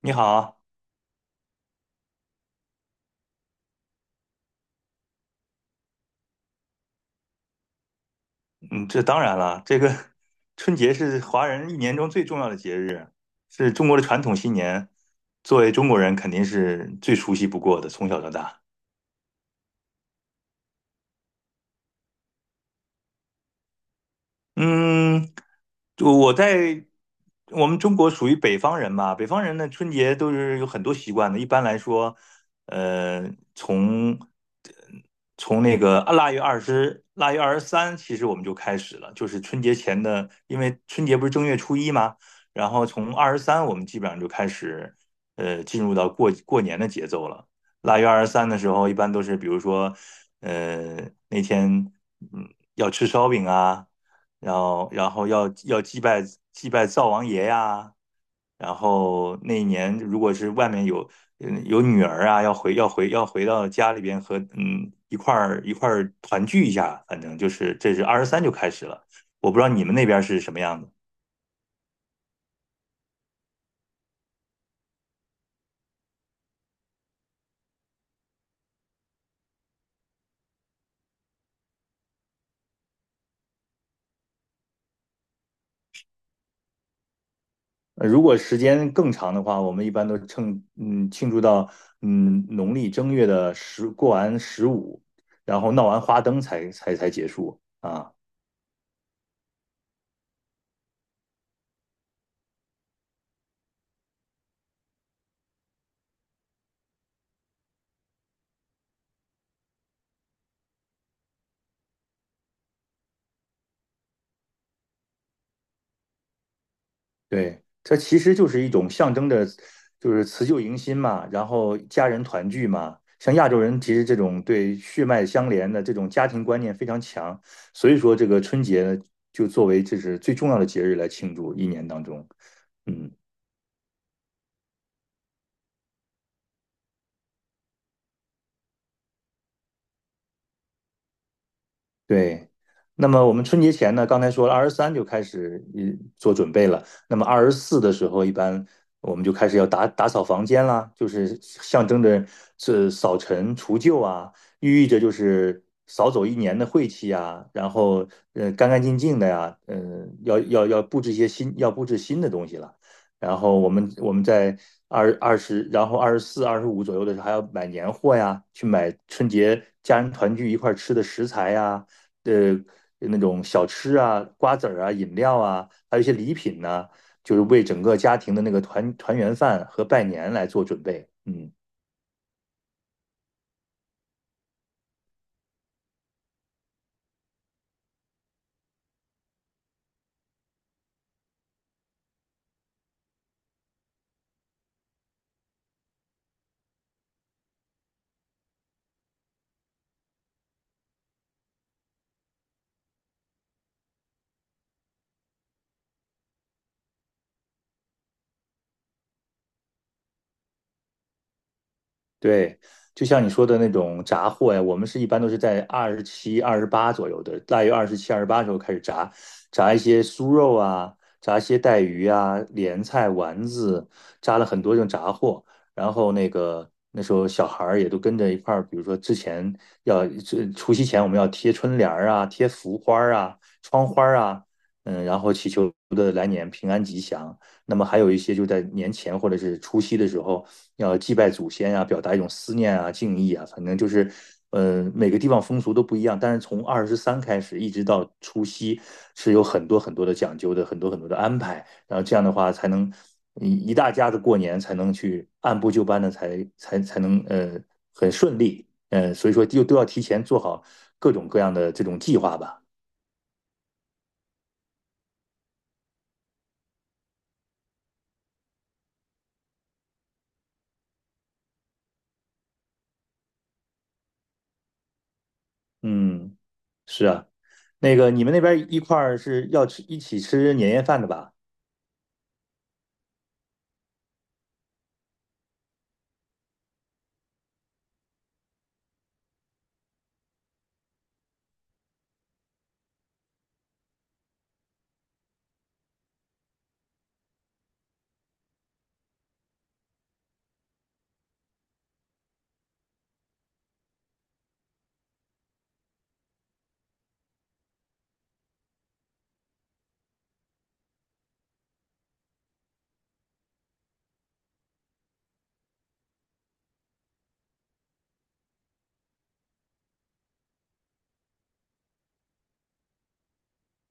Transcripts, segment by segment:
你好，嗯，这当然了，这个春节是华人一年中最重要的节日，是中国的传统新年，作为中国人肯定是最熟悉不过的，从小到大。嗯，就我在我们中国属于北方人嘛，北方人的春节都是有很多习惯的。一般来说，呃，从从那个腊月二十、腊月二十三，其实我们就开始了，就是春节前的，因为春节不是正月初一嘛，然后从二十三我们基本上就开始，进入到过年的节奏了。腊月二十三的时候，一般都是比如说，呃，那天嗯要吃烧饼啊。然后要祭拜灶王爷呀，然后那一年如果是外面有女儿啊，要回到家里边和一块儿团聚一下，反正就是这是二十三就开始了，我不知道你们那边是什么样子。如果时间更长的话，我们一般都趁庆祝到农历正月的过完十五，然后闹完花灯才结束啊。对，这其实就是一种象征着，就是辞旧迎新嘛，然后家人团聚嘛。像亚洲人，其实这种对血脉相连的这种家庭观念非常强，所以说这个春节呢，就作为这是最重要的节日来庆祝一年当中。嗯。对，那么我们春节前呢，刚才说了二十三就开始做准备了。那么二十四的时候，一般我们就开始要打扫房间啦，就是象征着是扫尘除旧啊，寓意着就是扫走一年的晦气啊，然后干干净净的呀，要布置一些新，要布置新的东西了。然后我们在二十，然后二十四、二十五左右的时候，还要买年货呀，去买春节家人团聚一块儿吃的食材呀。呃那种小吃啊、瓜子儿啊、饮料啊，还有一些礼品呢、就是为整个家庭的那个团圆饭和拜年来做准备。嗯。对，就像你说的那种炸货呀，我们是一般都是在二十七、二十八左右的，腊月二十七、二十八时候开始炸，炸一些酥肉啊，炸一些带鱼啊、莲菜、丸子，炸了很多这种炸货。然后那时候小孩儿也都跟着一块儿，比如说之前除夕前我们要贴春联儿啊、贴福花儿啊、窗花儿啊，然后祈求的来年平安吉祥。那么还有一些就在年前或者是除夕的时候。要祭拜祖先啊，表达一种思念啊、敬意啊，反正就是每个地方风俗都不一样。但是从二十三开始一直到除夕，是有很多很多的讲究的，很多很多的安排。然后这样的话，才能一大家子过年才能去按部就班的才能很顺利。所以说就都要提前做好各种各样的这种计划吧。嗯，是啊，那个你们那边一块儿是要吃一起吃年夜饭的吧？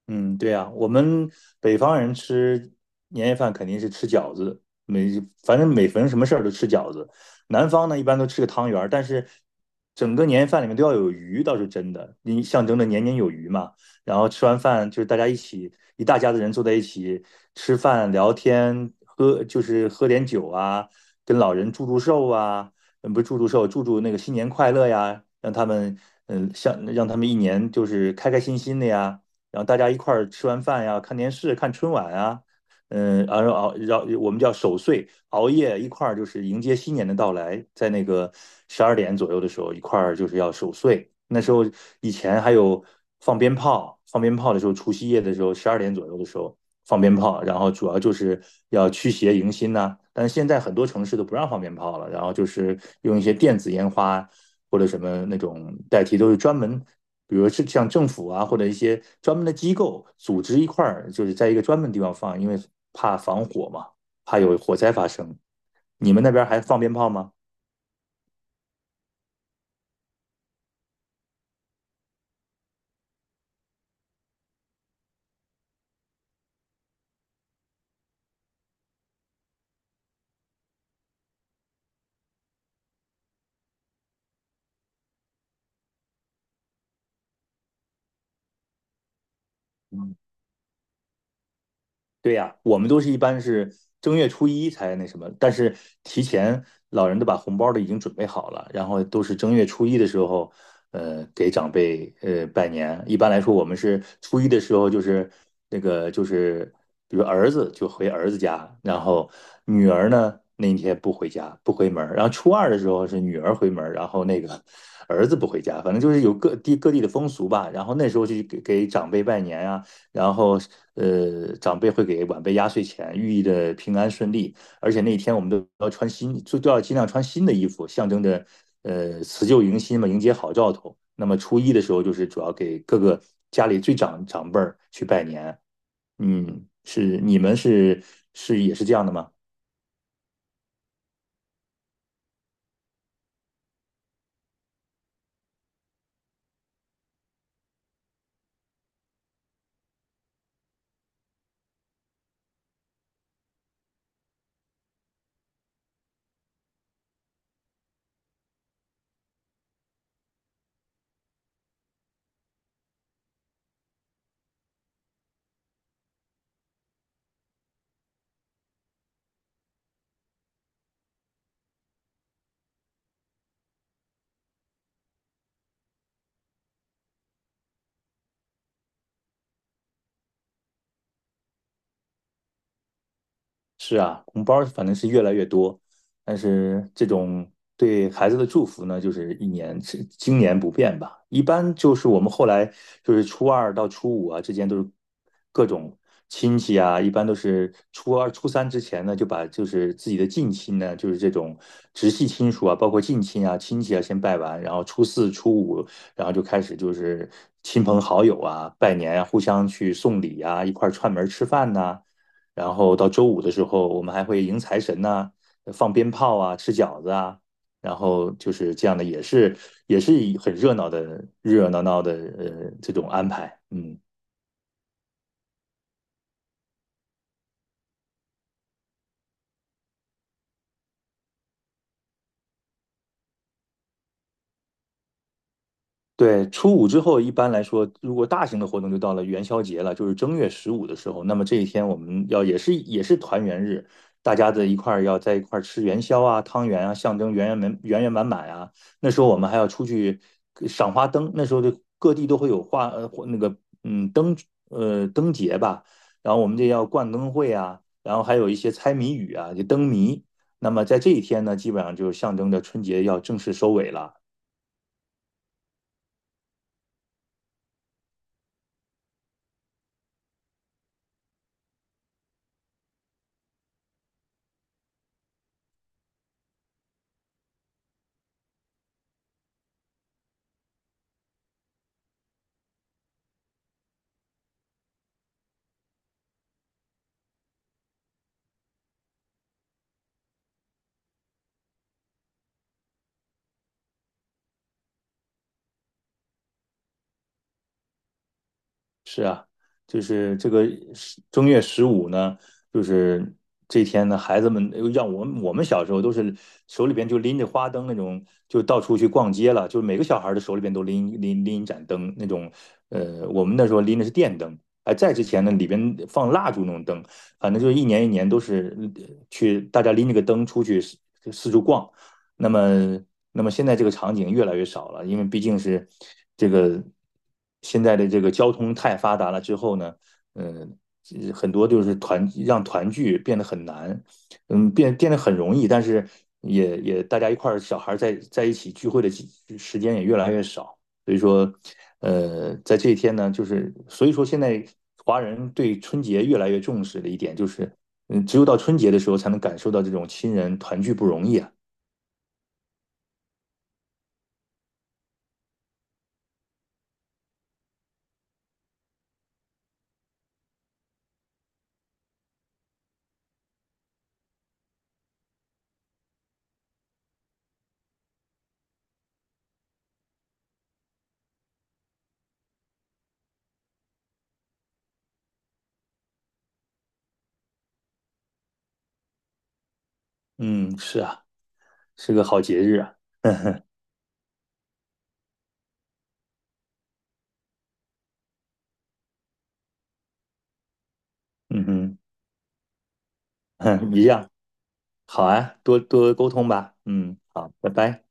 嗯，对呀，我们北方人吃年夜饭肯定是吃饺子，反正每逢什么事儿都吃饺子。南方呢，一般都吃个汤圆儿，但是整个年夜饭里面都要有鱼，倒是真的，你象征着年年有余嘛。然后吃完饭就是大家一起一大家子人坐在一起吃饭聊天，就是喝点酒啊，跟老人祝寿啊，嗯，不是祝寿，祝那个新年快乐呀，让他们一年就是开开心心的呀。然后大家一块儿吃完饭呀，看电视、看春晚啊，然后熬，然后我们叫守岁，熬夜一块儿就是迎接新年的到来，在那个十二点左右的时候，一块儿就是要守岁。那时候以前还有放鞭炮，放鞭炮的时候，除夕夜的时候，十二点左右的时候放鞭炮，然后主要就是要驱邪迎新呐、但是现在很多城市都不让放鞭炮了，然后就是用一些电子烟花或者什么那种代替，都是专门比如是像政府啊，或者一些专门的机构组织一块儿，就是在一个专门地方放，因为怕防火嘛，怕有火灾发生。你们那边还放鞭炮吗？对呀，我们都是一般是正月初一才那什么，但是提前老人都把红包都已经准备好了，然后都是正月初一的时候，给长辈拜年。一般来说，我们是初一的时候就是那个就是，比如儿子就回儿子家，然后女儿呢那一天不回家不回门儿，然后初二的时候是女儿回门儿，然后那个儿子不回家，反正就是有各地各地的风俗吧。然后那时候去给长辈拜年啊。然后长辈会给晚辈压岁钱，寓意着平安顺利。而且那一天我们都要穿新，就都要尽量穿新的衣服，象征着辞旧迎新嘛，迎接好兆头。那么初一的时候，就是主要给各个家里最长辈儿去拜年。嗯，是你们是也是这样的吗？是啊，红包儿反正是越来越多，但是这种对孩子的祝福呢，就是一年是经年不变吧。一般就是我们后来就是初二到初五啊之间都是各种亲戚啊，一般都是初二、初三之前呢，就把就是自己的近亲呢，就是这种直系亲属啊，包括近亲啊、亲戚啊先拜完，然后初四、初五，然后就开始就是亲朋好友啊拜年啊，互相去送礼啊，一块儿串门儿吃饭呐、然后到周五的时候，我们还会迎财神呐、啊放鞭炮啊、吃饺子啊，然后就是这样的，也是很热闹的、热热闹闹的这种安排，嗯。对，初五之后，一般来说，如果大型的活动就到了元宵节了，就是正月十五的时候。那么这一天，我们要也是团圆日，大家的一块儿要在一块儿吃元宵啊、汤圆啊，象征圆圆满满啊。那时候我们还要出去赏花灯，那时候就各地都会有或那个嗯灯灯节吧，然后我们这要逛灯会啊，然后还有一些猜谜语啊，就灯谜。那么在这一天呢，基本上就象征着春节要正式收尾了。是啊，就是这个正月十五呢，就是这天呢，孩子们让我们小时候都是手里边就拎着花灯那种，就到处去逛街了，就是每个小孩的手里边都拎一盏灯那种，我们那时候拎的是电灯，哎，在之前呢里边放蜡烛那种灯，反正就是一年一年都是去大家拎着个灯出去四处逛，那么，现在这个场景越来越少了，因为毕竟是这个现在的这个交通太发达了之后呢，嗯、很多就是让团聚变得很难，变得很容易，但是也大家一块儿小孩在一起聚会的时间也越来越少，所以说，在这一天呢，就是所以说现在华人对春节越来越重视的一点就是，嗯，只有到春节的时候才能感受到这种亲人团聚不容易啊。嗯，是啊，是个好节日啊。嗯哼，嗯哼，嗯一样，好啊，多多沟通吧。嗯，好，拜拜。